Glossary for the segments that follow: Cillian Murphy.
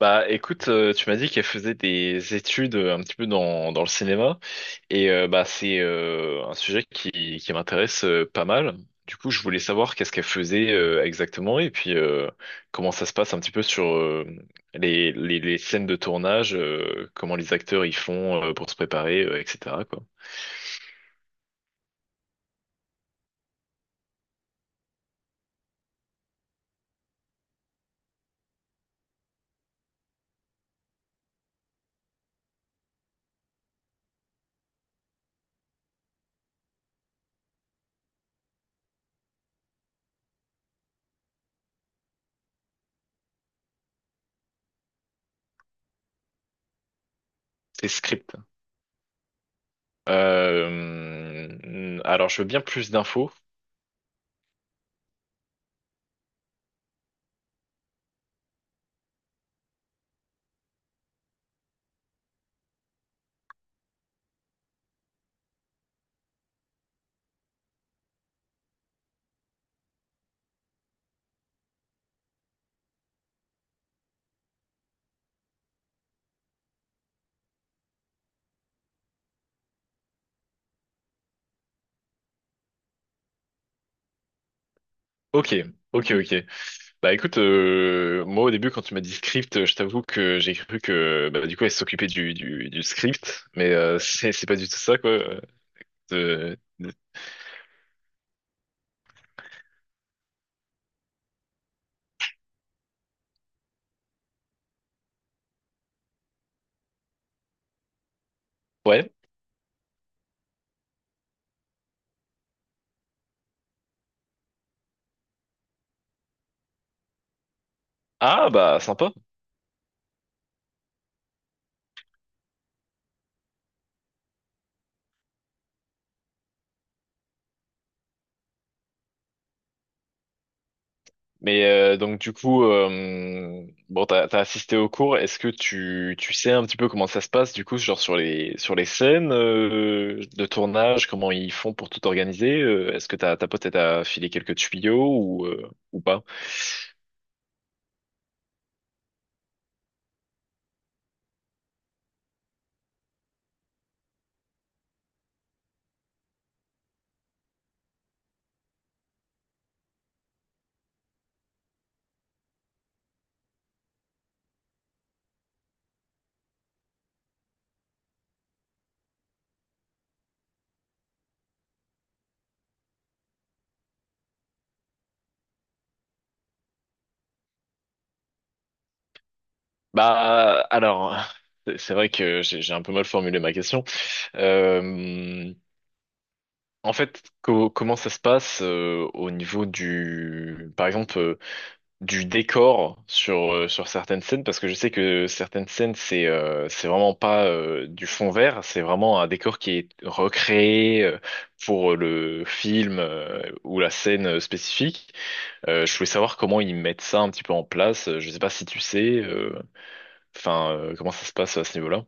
Bah écoute, tu m'as dit qu'elle faisait des études un petit peu dans le cinéma et bah c'est un sujet qui m'intéresse pas mal. Du coup, je voulais savoir qu'est-ce qu'elle faisait exactement et puis comment ça se passe un petit peu sur les scènes de tournage, comment les acteurs y font pour se préparer, etc. quoi. C'est script. Alors, je veux bien plus d'infos. Ok, ok, ok. Bah écoute, moi au début quand tu m'as dit script, je t'avoue que j'ai cru que bah, du coup elle s'occupait du script, mais c'est pas du tout ça quoi. De- de- Ouais. Ah bah sympa. Mais donc du coup, bon, t'as assisté au cours. Est-ce que tu sais un petit peu comment ça se passe du coup, genre sur les scènes de tournage, comment ils font pour tout organiser? Est-ce que ta pote elle t'a filé quelques tuyaux ou pas? Bah alors, c'est vrai que j'ai un peu mal formulé ma question. Euh, En fait, comment ça se passe au niveau du, par exemple. Du décor sur, sur certaines scènes, parce que je sais que certaines scènes, c'est vraiment pas du fond vert, c'est vraiment un décor qui est recréé pour le film ou la scène spécifique. Je voulais savoir comment ils mettent ça un petit peu en place. Je sais pas si tu sais, comment ça se passe à ce niveau-là.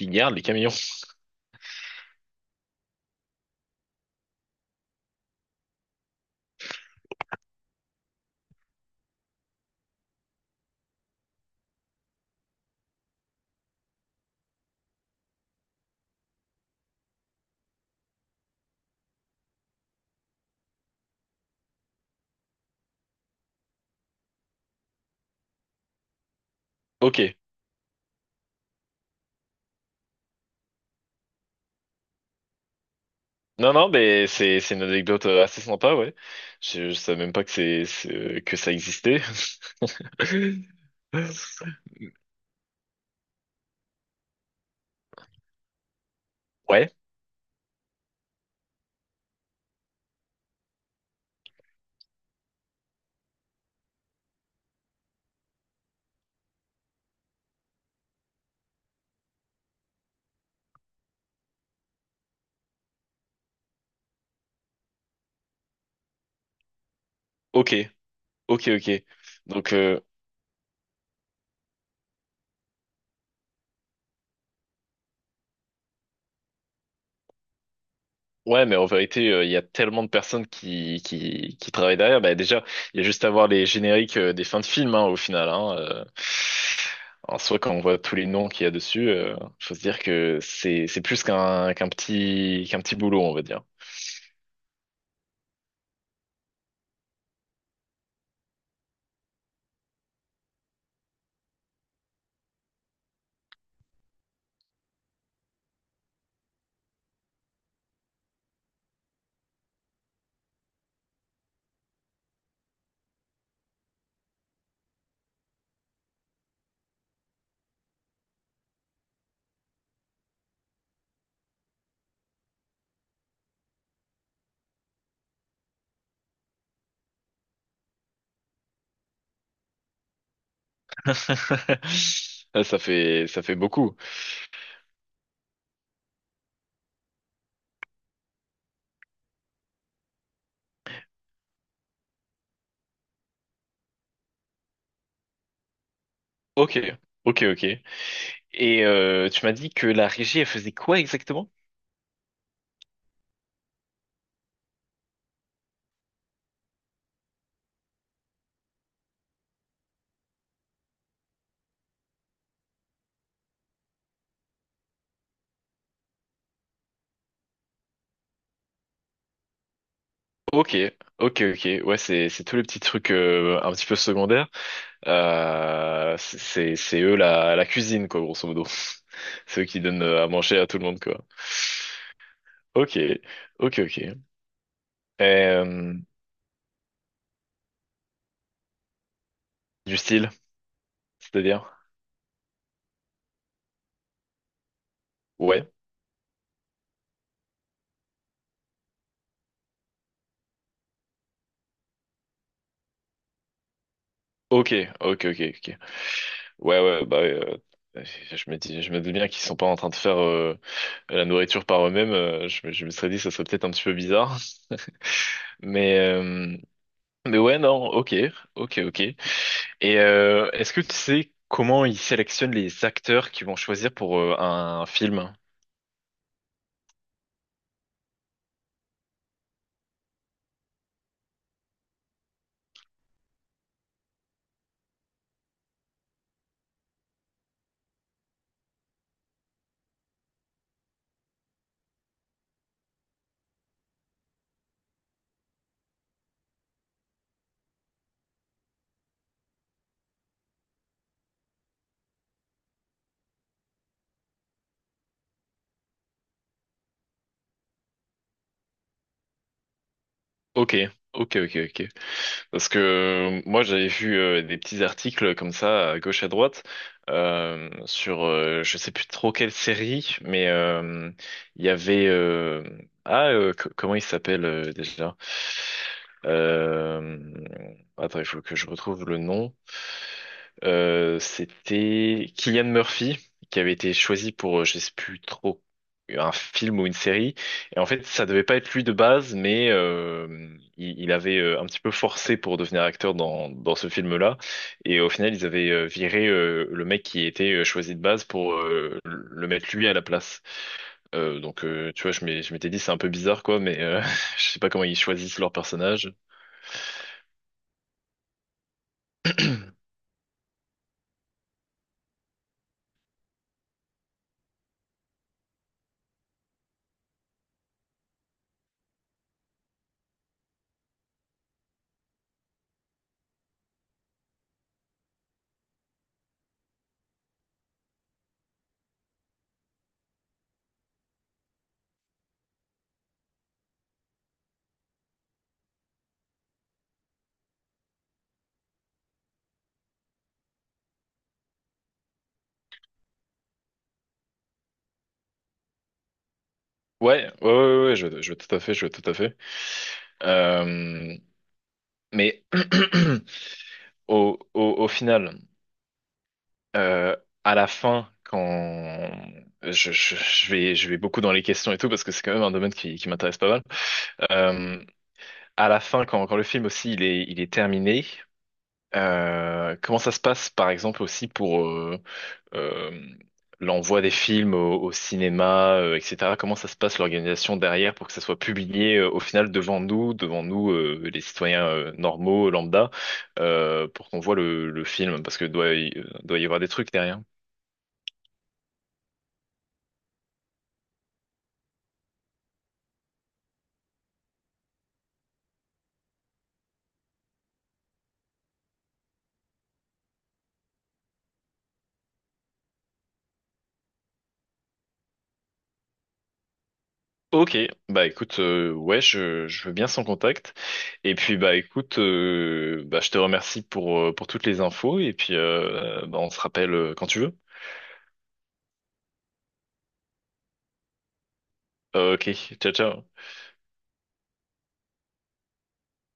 Ils gardent les camions. Ok. Non, non, mais c'est une anecdote assez sympa, ouais. Je savais même pas que que ça existait. Ouais. Ok, ok, ok. Donc, ouais, mais en vérité, il y a tellement de personnes qui travaillent derrière. Bah, déjà, il y a juste à voir les génériques des fins de films, hein, au final. Hein, En soi, quand on voit tous les noms qu'il y a dessus, faut se dire que c'est plus qu'un petit boulot, on va dire. Ça fait beaucoup. Ok, ok, ok. Et tu m'as dit que la régie, elle faisait quoi exactement? Ok, ok, ok. Ouais, c'est tous les petits trucs un petit peu secondaires. C'est eux la cuisine quoi, grosso modo. C'est eux qui donnent à manger à tout le monde quoi. Ok, ok, ok. Euh, du style, c'est-à-dire? Ouais. Ok, ok, ok, ok. Ouais, ouais, bah, ouais, euh, je me dis bien qu'ils sont pas en train de faire la nourriture par eux-mêmes. Je me serais dit, ça serait peut-être un petit peu bizarre. Mais, euh, mais ouais, non, ok, ok, ok. Et est-ce que tu sais comment ils sélectionnent les acteurs qui vont choisir pour un film? Ok, ok, ok, ok. Parce que moi, j'avais vu des petits articles comme ça, à gauche à droite, sur je sais plus trop quelle série, mais il y avait comment il s'appelle déjà? Euh, Attends, il faut que je retrouve le nom. C'était Cillian Murphy qui avait été choisi pour je sais plus trop un film ou une série et en fait, ça devait pas être lui de base, mais il avait un petit peu forcé pour devenir acteur dans ce film-là. Et au final, ils avaient viré le mec qui était choisi de base pour le mettre lui à la place. Tu vois, je m'étais dit, c'est un peu bizarre, quoi, mais je sais pas comment ils choisissent leur personnage. Ouais, ouais, ouais, ouais, je vois tout à fait, je vois tout à fait. Euh, mais au final. euh, à la fin, quand je vais beaucoup dans les questions et tout, parce que c'est quand même un domaine qui m'intéresse pas mal. Euh, à la fin, quand le film aussi il est terminé, comment ça se passe, par exemple, aussi pour, euh, l'envoi des films au cinéma, etc. Comment ça se passe l'organisation derrière pour que ça soit publié au final devant nous les citoyens normaux, lambda, pour qu'on voit le film, parce que doit y avoir des trucs derrière. Ok, bah écoute, ouais, je veux bien son contact. Et puis bah écoute, bah, je te remercie pour toutes les infos et puis bah, on se rappelle quand tu veux. Ok, ciao ciao.